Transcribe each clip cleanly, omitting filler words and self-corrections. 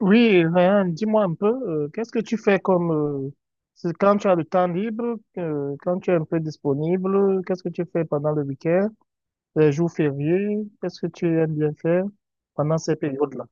Oui, Ryan, dis-moi un peu, qu'est-ce que tu fais comme, c'est quand tu as le temps libre, quand tu es un peu disponible, qu'est-ce que tu fais pendant le week-end, les jours fériés, qu'est-ce que tu aimes bien faire pendant ces périodes-là?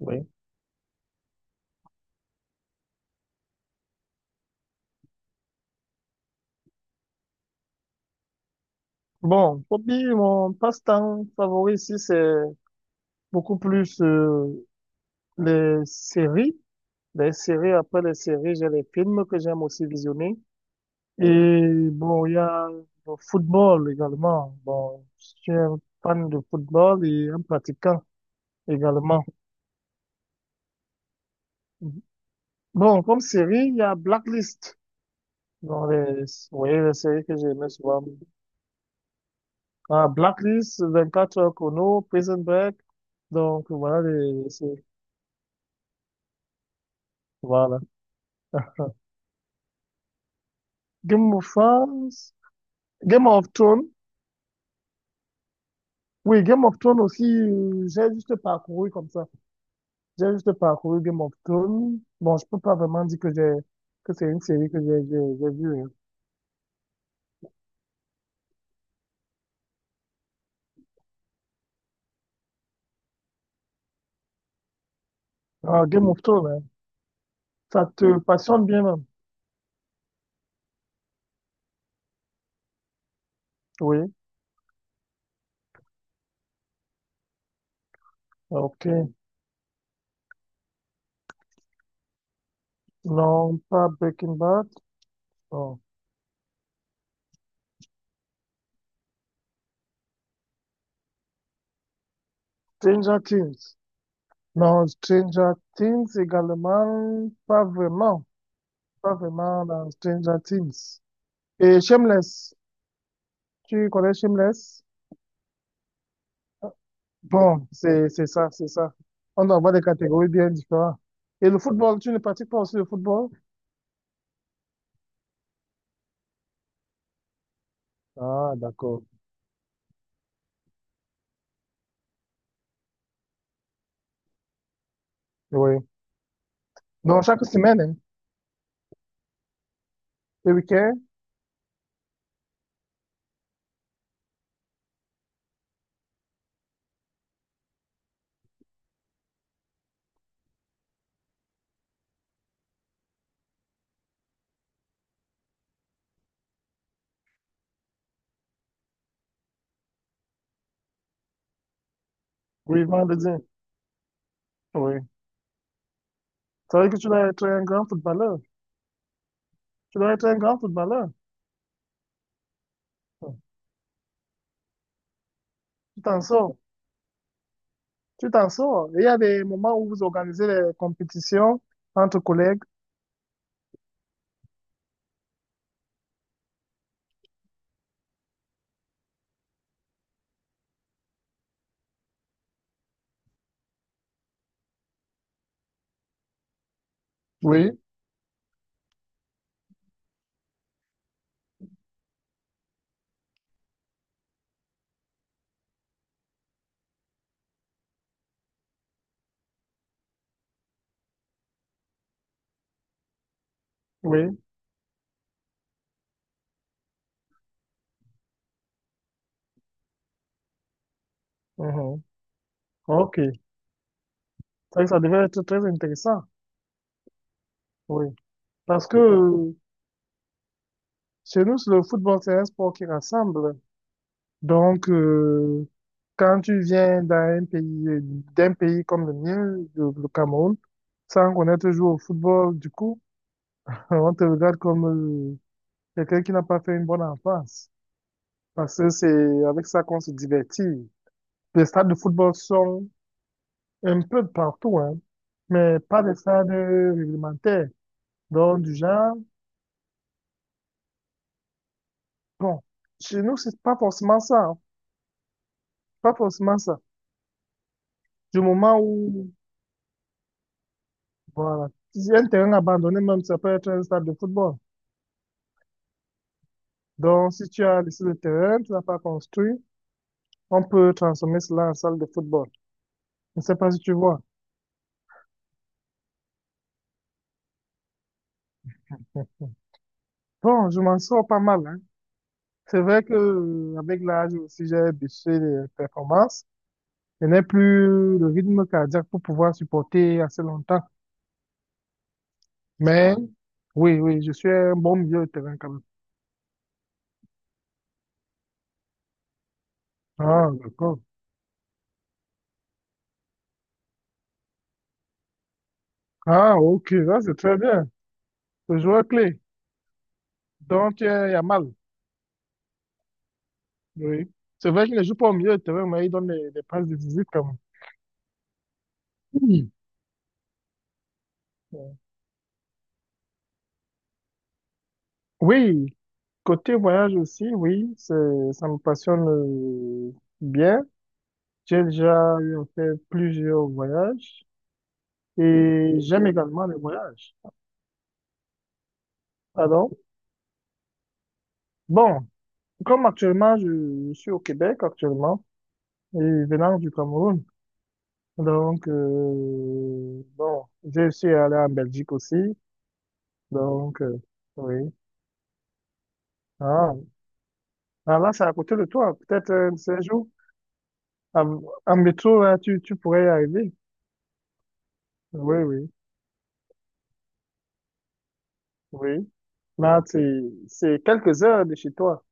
Oui. Bon, hobby, mon passe-temps favori ici, c'est beaucoup plus, les séries. Les séries, après les séries, j'ai les films que j'aime aussi visionner. Et bon, il y a le football également. Bon, je suis un fan de football et un pratiquant également. Bon, comme série, il y a Blacklist. Dans les, vous voyez les séries que j'aimais souvent. Ah, Blacklist, 24 heures chrono, Prison Break. Donc, voilà les séries. Voilà. Game of Thrones. Game of Thrones. Oui, Game of Thrones aussi, j'ai juste parcouru comme ça. J'ai juste parcouru Game of Thrones. Bon, je peux pas vraiment dire que j'ai que c'est une série que j'ai vue, hein. Ah, Game of Thrones, hein. Ça te passionne bien même. Oui. Ok. Non, pas Breaking Bad. Non. Stranger Things. Non, Stranger Things également, pas vraiment. Pas vraiment dans Stranger Things. Et Shameless. Tu connais Shameless? Bon, c'est ça, c'est ça. On doit avoir des catégories bien différentes. Et le football, tu ne pratiques pas aussi le football? Ah, d'accord. Oui. Donc, chaque semaine, hein, le week-end, oui, vendredi. Oui. Ça veut dire que tu dois être un grand footballeur. Tu dois être un grand footballeur. Tu t'en sors. Tu t'en sors. Et il y a des moments où vous organisez des compétitions entre collègues. Oui, oui. Mhm. OK. Ça devait être très intéressant. Oui. Parce que chez nous, le football, c'est un sport qui rassemble. Donc, quand tu viens d'un pays comme le mien, le Cameroun, sans connaître jouer au football, du coup, on te regarde comme euh, quelqu'un qui n'a pas fait une bonne enfance. Parce que c'est avec ça qu'on se divertit. Les stades de football sont un peu de partout, hein, mais pas des stades réglementaires. Donc, du genre, bon, chez nous, c'est pas forcément ça, hein. Pas forcément ça. Du moment où voilà. Si un terrain abandonné, même, si ça peut être un stade de football. Donc, si tu as laissé le terrain, tu l'as pas construit, on peut transformer cela en salle de football. Je ne sais pas si tu vois. Bon, je m'en sors pas mal, hein. C'est vrai que, avec l'âge aussi, j'ai baissé les performances. Je n'ai plus le rythme cardiaque pour pouvoir supporter assez longtemps. Mais, oui, oui, je suis un bon milieu de terrain quand même. Ah, d'accord. Ah, ok, ça c'est très bien. Le joueur clé. Donc, tu es Yamal. Oui. C'est vrai qu'il ne joue pas au milieu de terrain, mais il donne des passes décisives comme. Oui. Oui, côté voyage aussi, oui, c'est- ça me passionne bien. J'ai déjà eu en fait plusieurs voyages et j'aime également les voyages. Pardon? Bon, comme actuellement, je suis au Québec actuellement et venant du Cameroun. Donc, bon, j'ai suis allé en Belgique aussi. Donc, oui. Ah, ah, là, c'est à côté de toi. Peut-être un de ces jours, en, en métro, là, tu pourrais y arriver. Oui, oui, oui. Là, c'est quelques heures de chez toi.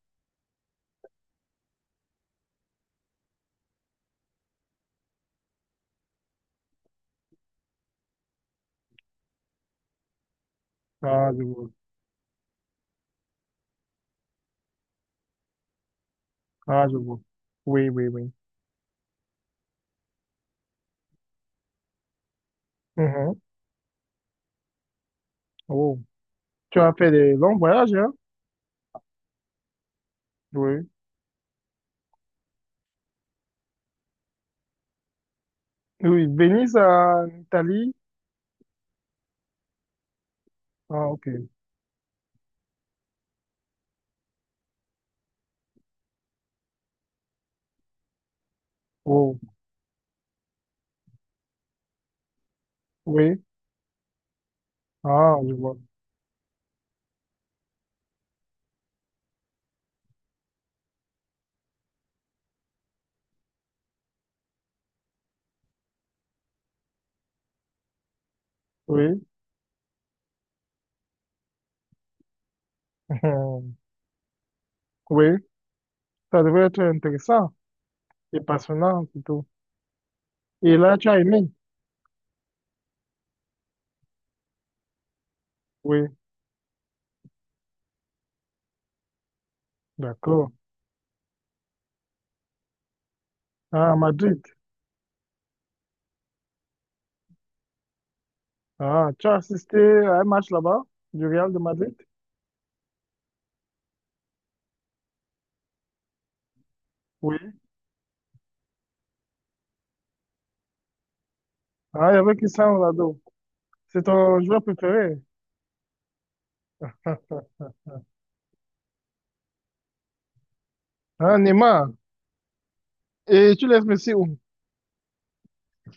Ah, je vois. Ah, je vois. Oui, oui, oui. Mhm. Oh. Tu as fait des longs voyages, hein? Oui. Oui, Venise en Italie. Ah, ok. Oh, oui. Ah, je vois. Oui. Oui. Ça devrait être intéressant et passionnant, plutôt. Et là, tu as aimé? Oui. D'accord. Ah, Madrid. Ah, tu as assisté à un match là-bas du Real de Madrid? Oui. Ah, il y avait Cristiano Ronaldo. C'est ton joueur préféré. Ah, Neymar. Et tu laisses Messi où?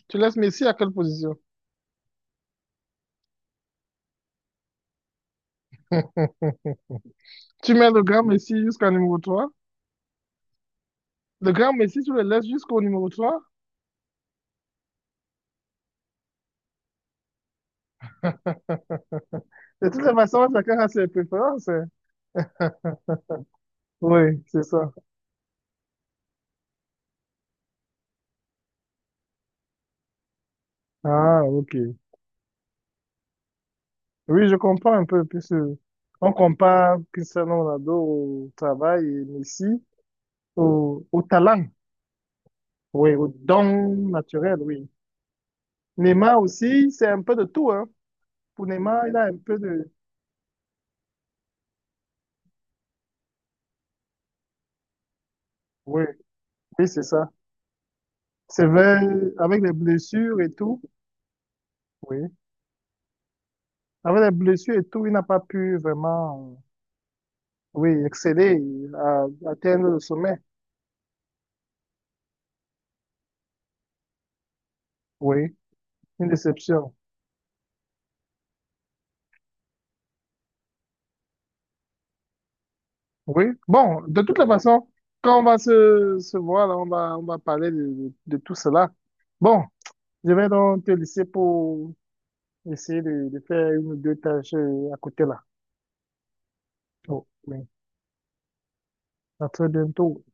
Tu laisses Messi à quelle position? Tu mets le grand Messi jusqu'à numéro 3. Le grand Messi, tu le laisses jusqu'au numéro 3? De toutes les façons, chacun a ses préférences, hein. Oui, c'est ça. Ah, ok. Oui, je comprends un peu, puisque on compare Cristiano Ronaldo au travail et Messi au, au talent, oui, au don naturel, oui. Neymar aussi, c'est un peu de tout, hein. Pour Neymar, il a un peu de... Oui, oui, c'est ça. C'est vrai, avec les blessures et tout, oui. Avec les blessures et tout, il n'a pas pu vraiment, oui, exceller, à, atteindre le sommet. Oui, une déception. Oui. Bon, de toute la façon, quand on va se, se voir, là, on va parler de tout cela. Bon, je vais donc te laisser pour essayer de faire une ou deux tâches à côté là. Oh, oui. À très bientôt.